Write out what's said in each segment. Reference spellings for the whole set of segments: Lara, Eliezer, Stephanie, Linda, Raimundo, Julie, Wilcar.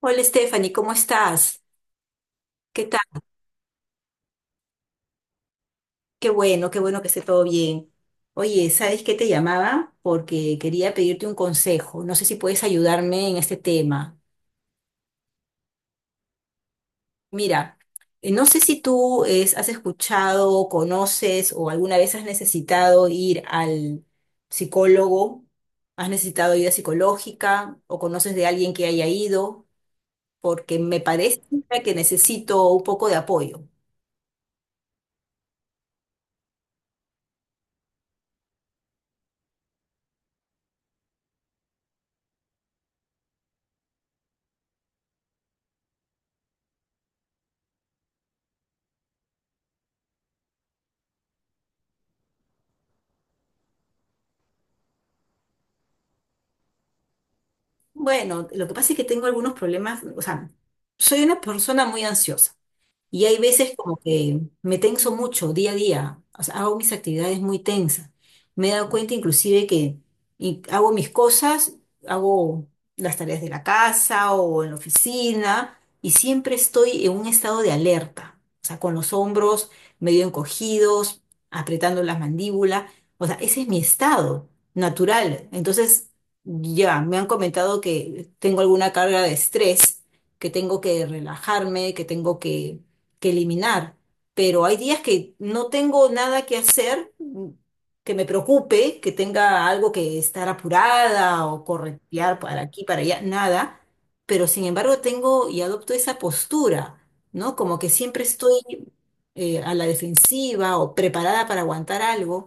Hola Stephanie, ¿cómo estás? ¿Qué tal? Qué bueno que esté todo bien. Oye, ¿sabes qué te llamaba? Porque quería pedirte un consejo. No sé si puedes ayudarme en este tema. Mira, no sé si tú has escuchado, conoces o alguna vez has necesitado ir al psicólogo, has necesitado ayuda psicológica o conoces de alguien que haya ido, porque me parece que necesito un poco de apoyo. Bueno, lo que pasa es que tengo algunos problemas, o sea, soy una persona muy ansiosa. Y hay veces como que me tenso mucho día a día, o sea, hago mis actividades muy tensas. Me he dado cuenta inclusive que Y hago mis cosas, hago las tareas de la casa o en la oficina y siempre estoy en un estado de alerta, o sea, con los hombros medio encogidos, apretando las mandíbulas, o sea, ese es mi estado natural. Entonces, ya me han comentado que tengo alguna carga de estrés, que tengo que relajarme, que tengo que eliminar, pero hay días que no tengo nada que hacer que me preocupe, que tenga algo que estar apurada o corretear para aquí, para allá, nada, pero sin embargo tengo y adopto esa postura, ¿no? Como que siempre estoy a la defensiva o preparada para aguantar algo.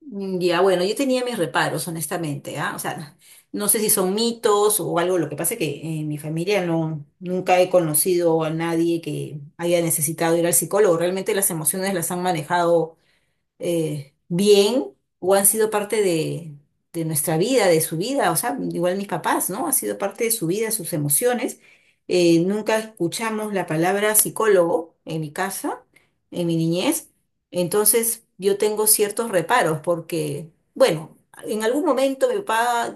Mm, ya, bueno, yo tenía mis reparos, honestamente, ¿ah? O sea, no sé si son mitos o algo, lo que pasa es que en mi familia no, nunca he conocido a nadie que haya necesitado ir al psicólogo, realmente las emociones las han manejado bien o han sido parte de nuestra vida, de su vida, o sea, igual mis papás, ¿no? Ha sido parte de su vida, sus emociones. Nunca escuchamos la palabra psicólogo en mi casa, en mi niñez. Entonces yo tengo ciertos reparos porque, bueno, en algún momento mi papá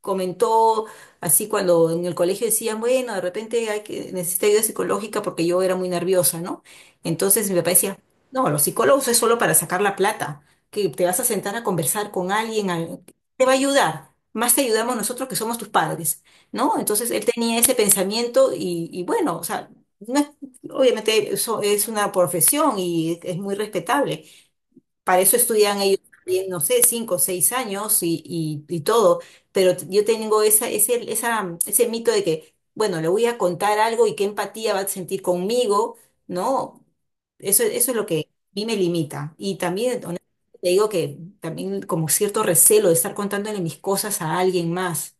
comentó así cuando en el colegio decían, bueno, de repente necesita ayuda psicológica porque yo era muy nerviosa, ¿no? Entonces mi papá decía, no, los psicólogos es solo para sacar la plata, que te vas a sentar a conversar con alguien, te va a ayudar, más te ayudamos nosotros que somos tus padres, ¿no? Entonces él tenía ese pensamiento y bueno, o sea, no es- obviamente eso es una profesión y es muy respetable, para eso estudian ellos también, no sé, 5 o 6 años y todo. Pero yo tengo ese mito de que, bueno, le voy a contar algo y qué empatía va a sentir conmigo, ¿no? Eso es lo que a mí me limita. Y también, honestamente, te digo que también como cierto recelo de estar contándole mis cosas a alguien más.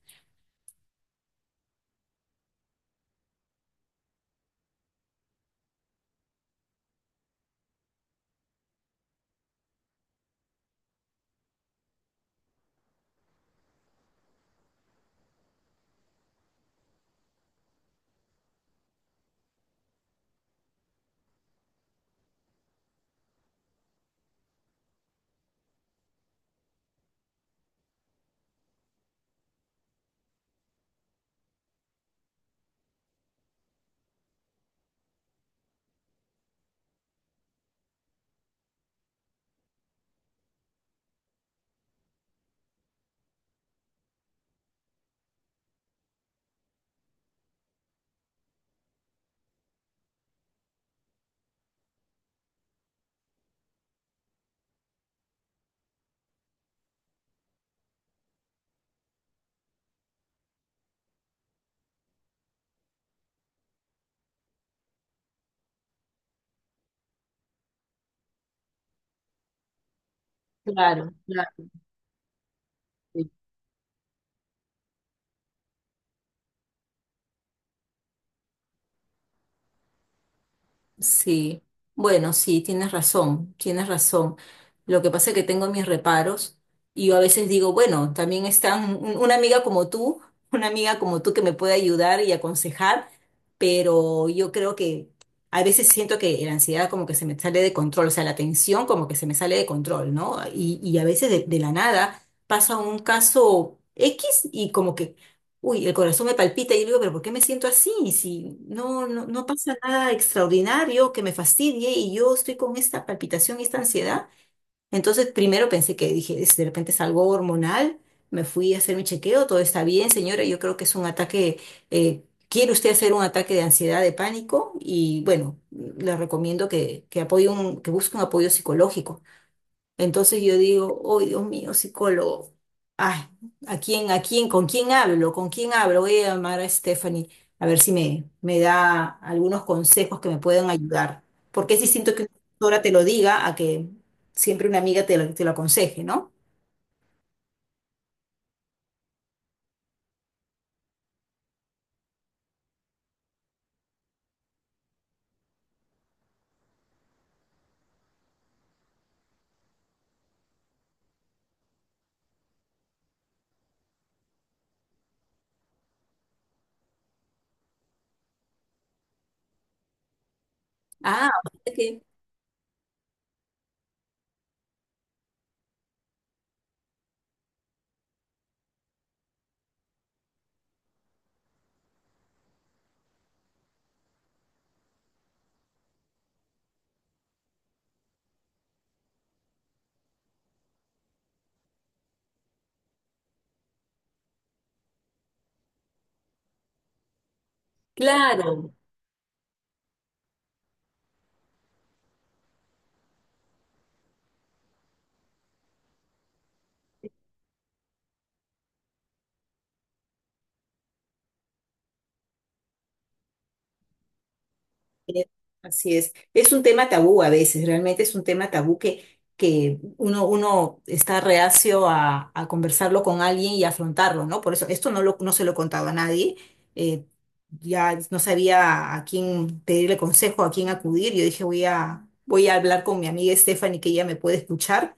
Claro, claro. Sí, bueno, sí, tienes razón, tienes razón. Lo que pasa es que tengo mis reparos y yo a veces digo, bueno, también está una amiga como tú que me puede ayudar y aconsejar, pero yo creo que a veces siento que la ansiedad como que se me sale de control, o sea, la tensión como que se me sale de control, ¿no? Y a veces de la nada pasa un caso X y como que, uy, el corazón me palpita y yo digo, pero ¿por qué me siento así? Si no, no, no pasa nada extraordinario que me fastidie y yo estoy con esta palpitación y esta ansiedad. Entonces, primero pensé que dije, De repente es algo hormonal. Me fui a hacer mi chequeo, todo está bien, señora. Yo creo que es un ataque, ¿quiere usted hacer un ataque de ansiedad, de pánico? Y bueno, le recomiendo que que busque un apoyo psicológico. Entonces yo digo, oh, Dios mío, psicólogo, ay, con quién hablo? ¿Con quién hablo? Voy a llamar a Stephanie a ver si me da algunos consejos que me puedan ayudar. Porque es distinto que una doctora te lo diga a que siempre una amiga te lo aconseje, ¿no? Ah, o sea que, claro. Eh, Así es. Es un tema tabú a veces, realmente es un tema tabú que uno está reacio a conversarlo con alguien y afrontarlo, ¿no? Por eso, esto no se lo he contado a nadie. eh, ya no sabía a quién pedirle consejo, a quién acudir. Yo dije, voy a hablar con mi amiga Stephanie, que ella me puede escuchar,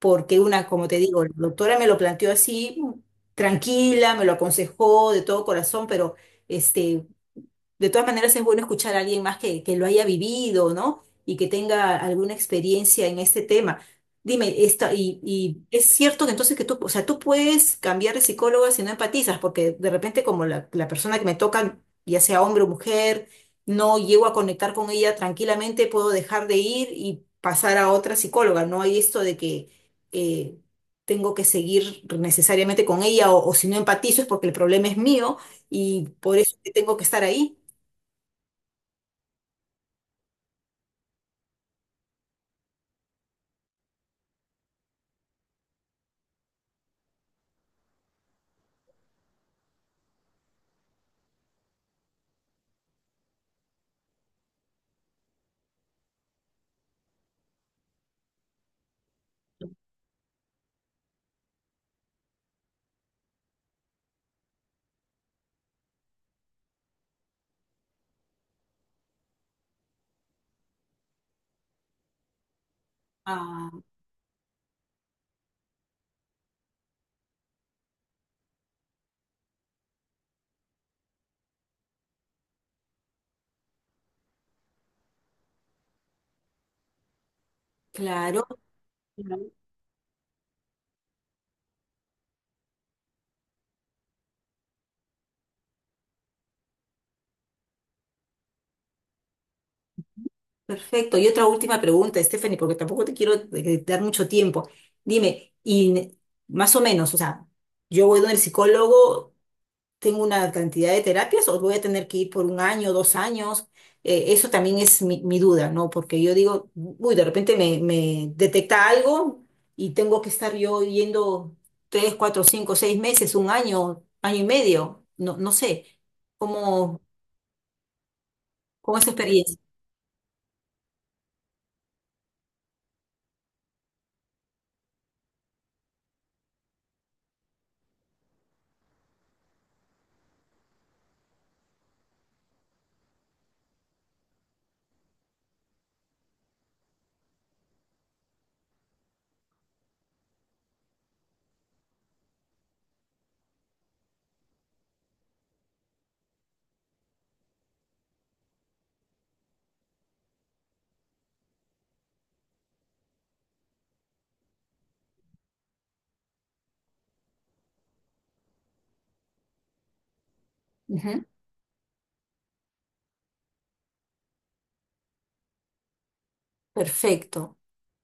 porque una, como te digo, la doctora me lo planteó así, tranquila, me lo aconsejó de todo corazón, pero... Este, de todas maneras, es bueno escuchar a alguien más que lo haya vivido, ¿no? Y que tenga alguna experiencia en este tema. Dime, y es cierto que entonces que tú, o sea, tú puedes cambiar de psicóloga si no empatizas, porque de repente como la persona que me toca, ya sea hombre o mujer, no llego a conectar con ella tranquilamente, puedo dejar de ir y pasar a otra psicóloga. No hay esto de que eh, tengo que seguir necesariamente con ella o si no empatizo es porque el problema es mío y por eso que tengo que estar ahí. Ah, claro, claro. Perfecto. Y otra última pregunta, Stephanie, porque tampoco te quiero dar mucho tiempo. Dime, más o menos, o sea, yo voy donde el psicólogo, tengo una cantidad de terapias o voy a tener que ir por un año, 2 años. Eso también es mi duda, ¿no? Porque yo digo, uy, de repente me detecta algo y tengo que estar yo yendo 3, 4, 5, 6 meses, un año, año y medio, no, no sé, cómo, cómo es tu experiencia. Perfecto,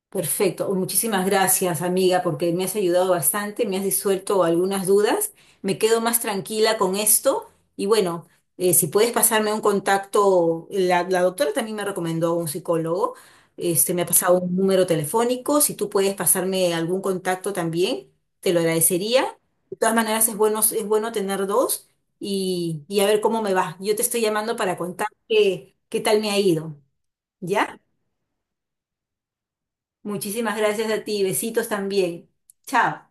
perfecto. Muchísimas gracias, amiga, porque me has ayudado bastante, me has disuelto algunas dudas. Me quedo más tranquila con esto. Y bueno, si puedes pasarme un contacto, la doctora también me recomendó un psicólogo. Me ha pasado un número telefónico. Si tú puedes pasarme algún contacto también, te lo agradecería. De todas maneras, es bueno tener dos y a ver cómo me va. Yo te estoy llamando para contar qué tal me ha ido. ¿Ya? Muchísimas gracias a ti. Besitos también. Chao.